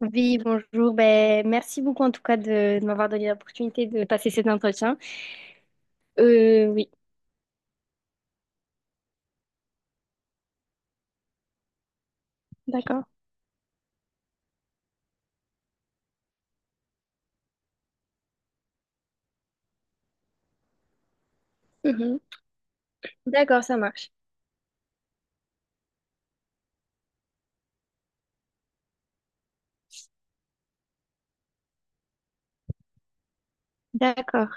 Oui, bonjour. Ben, merci beaucoup en tout cas de m'avoir donné l'opportunité de passer cet entretien. Oui. D'accord. Mhm. D'accord, ça marche. D'accord,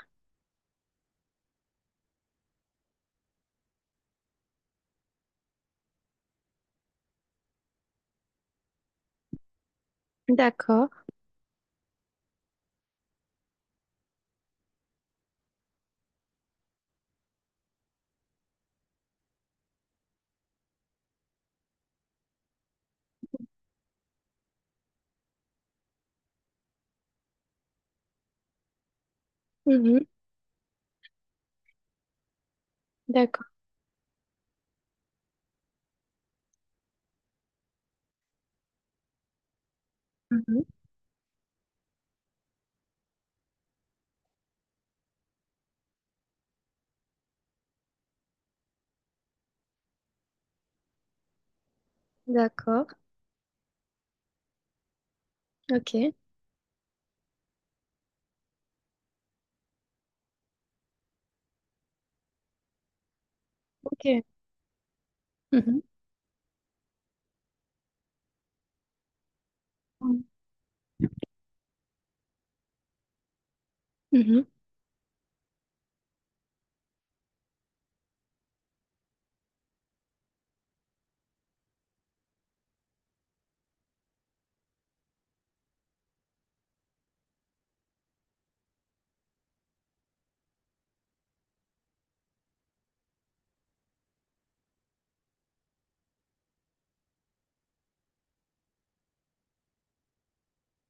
d'accord. Mhm. D'accord. Mhm. D'accord. Ok. Ok. Mhm. Mm. Mhm.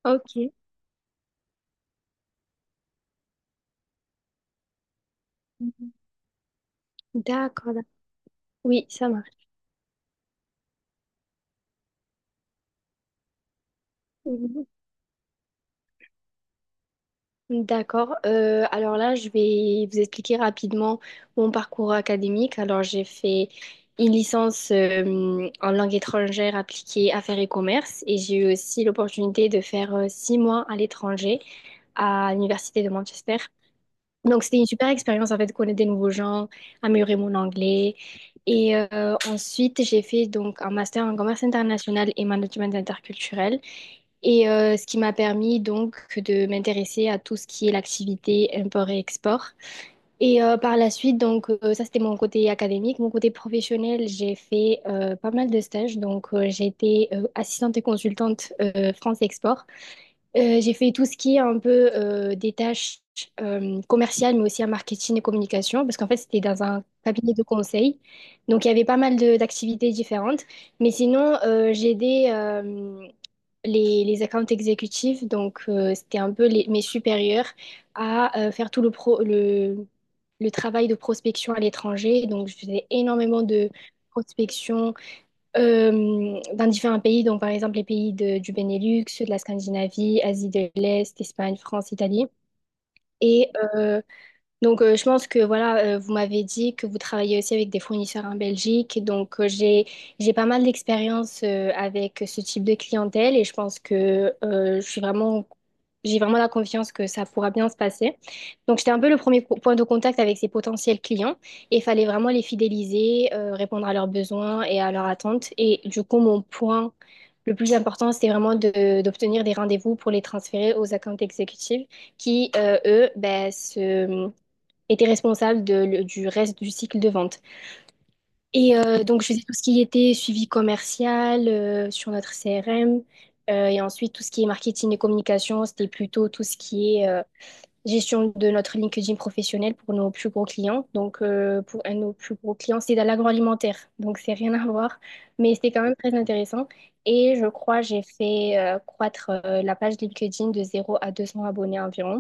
Ok. Mhm. D'accord, d'accord. Oui, ça marche. D'accord. Alors là, je vais vous expliquer rapidement mon parcours académique. Alors, j'ai fait une licence en langue étrangère appliquée affaires et commerce et j'ai eu aussi l'opportunité de faire 6 mois à l'étranger à l'université de Manchester. Donc, c'était une super expérience, en fait, de connaître des nouveaux gens, améliorer mon anglais. Et ensuite, j'ai fait donc un master en commerce international et management interculturel. Et ce qui m'a permis donc de m'intéresser à tout ce qui est l'activité import et export. Et par la suite, donc ça c'était mon côté académique. Mon côté professionnel, j'ai fait pas mal de stages. Donc j'ai été assistante et consultante France Export. J'ai fait tout ce qui est un peu des tâches commerciales, mais aussi en marketing et communication, parce qu'en fait, c'était dans un cabinet de conseil. Donc, il y avait pas mal d'activités différentes. Mais sinon, j'ai aidé les accounts exécutifs, donc c'était un peu mes supérieurs, à faire tout le travail de prospection à l'étranger. Donc, je faisais énormément de prospection dans différents pays, donc par exemple les pays du Benelux, de la Scandinavie, Asie de l'Est, Espagne, France, Italie. Et donc, je pense que voilà, vous m'avez dit que vous travaillez aussi avec des fournisseurs en Belgique. Donc, j'ai pas mal d'expérience avec ce type de clientèle et je pense que je suis vraiment j'ai vraiment la confiance que ça pourra bien se passer. Donc, j'étais un peu le premier point de contact avec ces potentiels clients et il fallait vraiment les fidéliser, répondre à leurs besoins et à leurs attentes. Et du coup, mon point le plus important, c'était vraiment d'obtenir des rendez-vous pour les transférer aux accounts exécutifs qui, eux, ben, se était responsable du reste du cycle de vente. Et donc, je faisais tout ce qui était suivi commercial sur notre CRM. Et ensuite, tout ce qui est marketing et communication, c'était plutôt tout ce qui est gestion de notre LinkedIn professionnel pour nos plus gros clients. Donc, pour un de nos plus gros clients, c'est dans l'agroalimentaire. Donc, c'est rien à voir. Mais c'était quand même très intéressant. Et je crois, j'ai fait croître la page LinkedIn de 0 à 200 abonnés environ.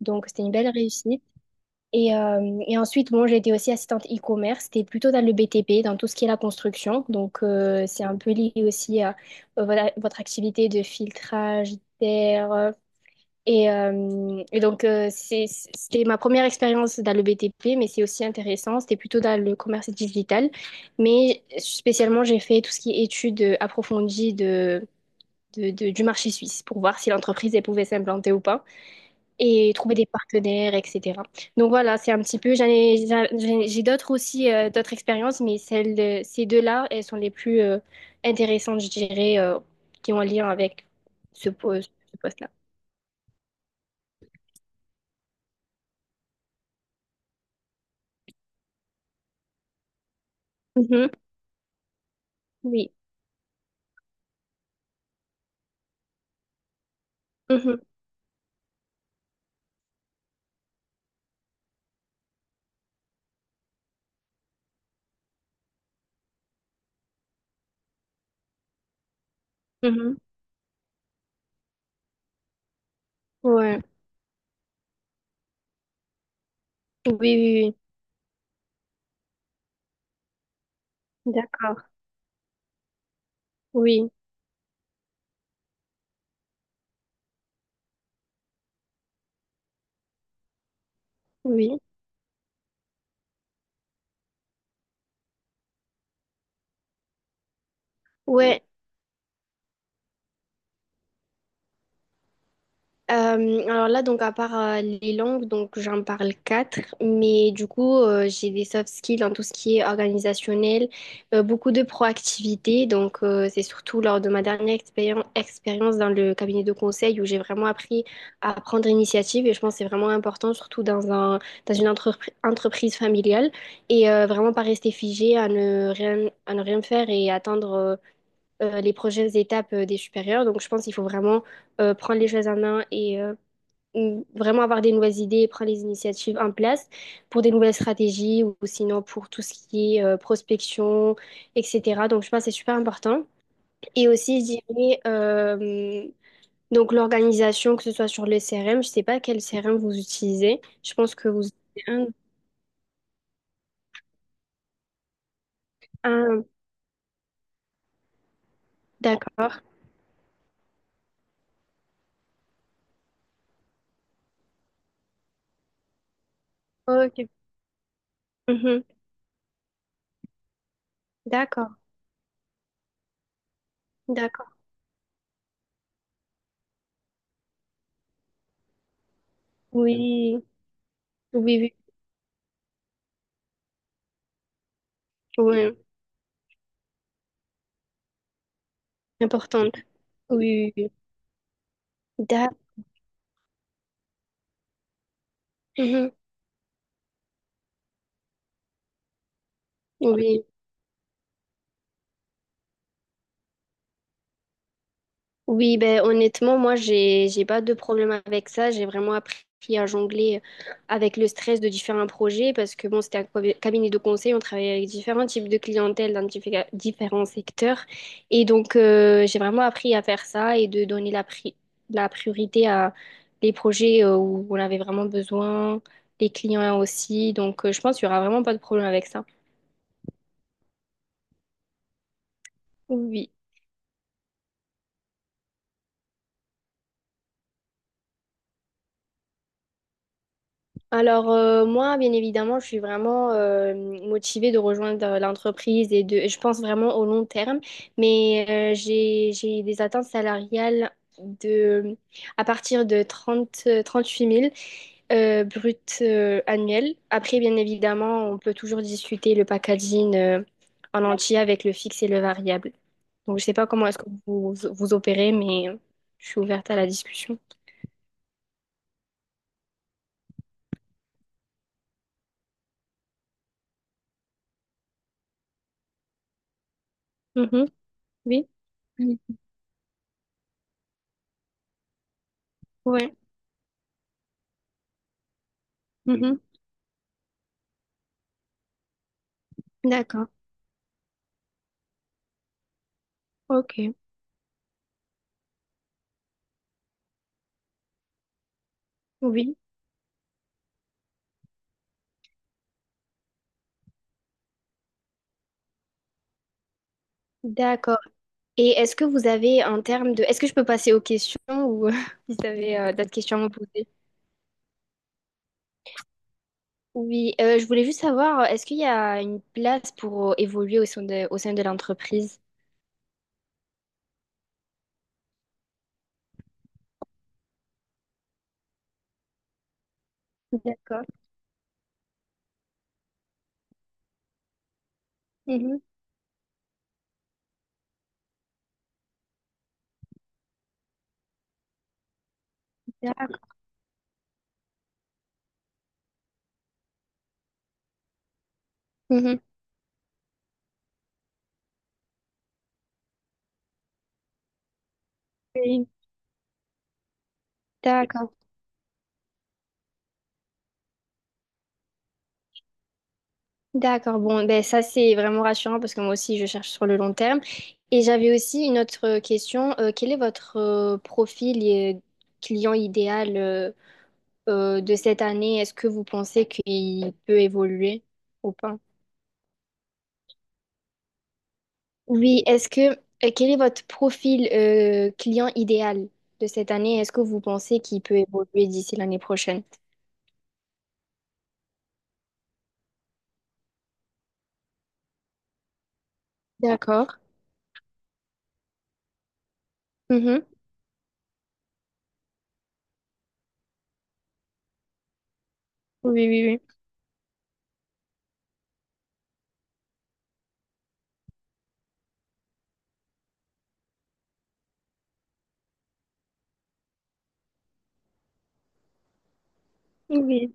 Donc, c'était une belle réussite. Et ensuite, bon, j'ai été aussi assistante e-commerce. C'était plutôt dans le BTP, dans tout ce qui est la construction. Donc, c'est un peu lié aussi à voilà, votre activité de filtrage d'air. Et donc, c'était ma première expérience dans le BTP, mais c'est aussi intéressant. C'était plutôt dans le commerce digital. Mais spécialement, j'ai fait tout ce qui est études approfondies de, du marché suisse pour voir si l'entreprise elle pouvait s'implanter ou pas et trouver des partenaires, etc. Donc voilà, c'est un petit peu, j'en ai- j'ai d'autres aussi, d'autres expériences, mais ces deux-là, elles sont les plus intéressantes, je dirais, qui ont un lien avec ce poste-là. Mhm. Oui. Mhm. Mhm. Ouais. Oui, oui, oui. D'accord. Oui, oui. Ouais. Euh, alors là, donc à part les langues, donc j'en parle quatre, mais du coup, j'ai des soft skills en tout ce qui est organisationnel, beaucoup de proactivité, donc c'est surtout lors de ma dernière expérience dans le cabinet de conseil où j'ai vraiment appris à prendre initiative et je pense que c'est vraiment important, surtout dans une entreprise familiale et vraiment pas rester figé à ne rien faire et attendre les prochaines étapes des supérieurs. Donc je pense qu'il faut vraiment prendre les choses en main et vraiment avoir des nouvelles idées et prendre les initiatives en place pour des nouvelles stratégies ou sinon pour tout ce qui est prospection, etc. Donc, je pense que c'est super important. Et aussi, je dirais, donc l'organisation, que ce soit sur le CRM, je sais pas quel CRM vous utilisez. Je pense que vous utilisez un. un- d'accord. Ok. Mhm. D'accord. D'accord. Oui. Oui, oui. Oui. Importante. Oui, oui, oui. D'accord. Mm-hmm. Oui. Oui, ben honnêtement, moi j'ai pas de problème avec ça. J'ai vraiment appris à jongler avec le stress de différents projets parce que bon, c'était un cabinet de conseil, on travaillait avec différents types de clientèle dans différents secteurs. Et donc j'ai vraiment appris à faire ça et de donner la priorité à les projets où on avait vraiment besoin, les clients aussi. Donc je pense qu'il y aura vraiment pas de problème avec ça. Oui. Alors moi, bien évidemment, je suis vraiment motivée de rejoindre l'entreprise et de, je pense vraiment au long terme, mais j'ai des attentes salariales de, à partir de 30 huit mille bruts annuels. Après, bien évidemment, on peut toujours discuter le packaging en entier avec le fixe et le variable. Donc, je sais pas comment est-ce que vous, vous opérez, mais je suis ouverte à la discussion. Mhm. Oui. Mm. Ouais. Mhm. D'accord. Ok, oui, d'accord. Et est-ce que vous avez en termes de... Est-ce que je peux passer aux questions ou si vous avez d'autres questions à me poser? Oui, je voulais juste savoir, est-ce qu'il y a une place pour évoluer au sein de l'entreprise? D'accord. Mhm. D'accord. Mhm. Oui. D'accord. D'accord. Bon, ben ça c'est vraiment rassurant parce que moi aussi je cherche sur le long terme. Et j'avais aussi une autre question. Quel est votre profil et client idéal de cette année, est-ce que vous pensez qu'il peut évoluer ou pas? Oui, quel est votre profil client idéal de cette année? Est-ce que vous pensez qu'il peut évoluer d'ici l'année prochaine? D'accord. Mhm. Oui, oui, oui. Oui.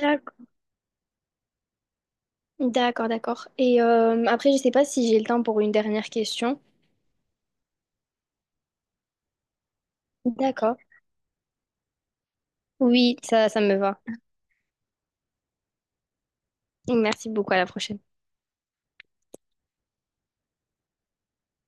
D'accord. D'accord, d'accord. Et après, je sais pas si j'ai le temps pour une dernière question. D'accord. Oui, ça me va. Merci beaucoup, à la prochaine.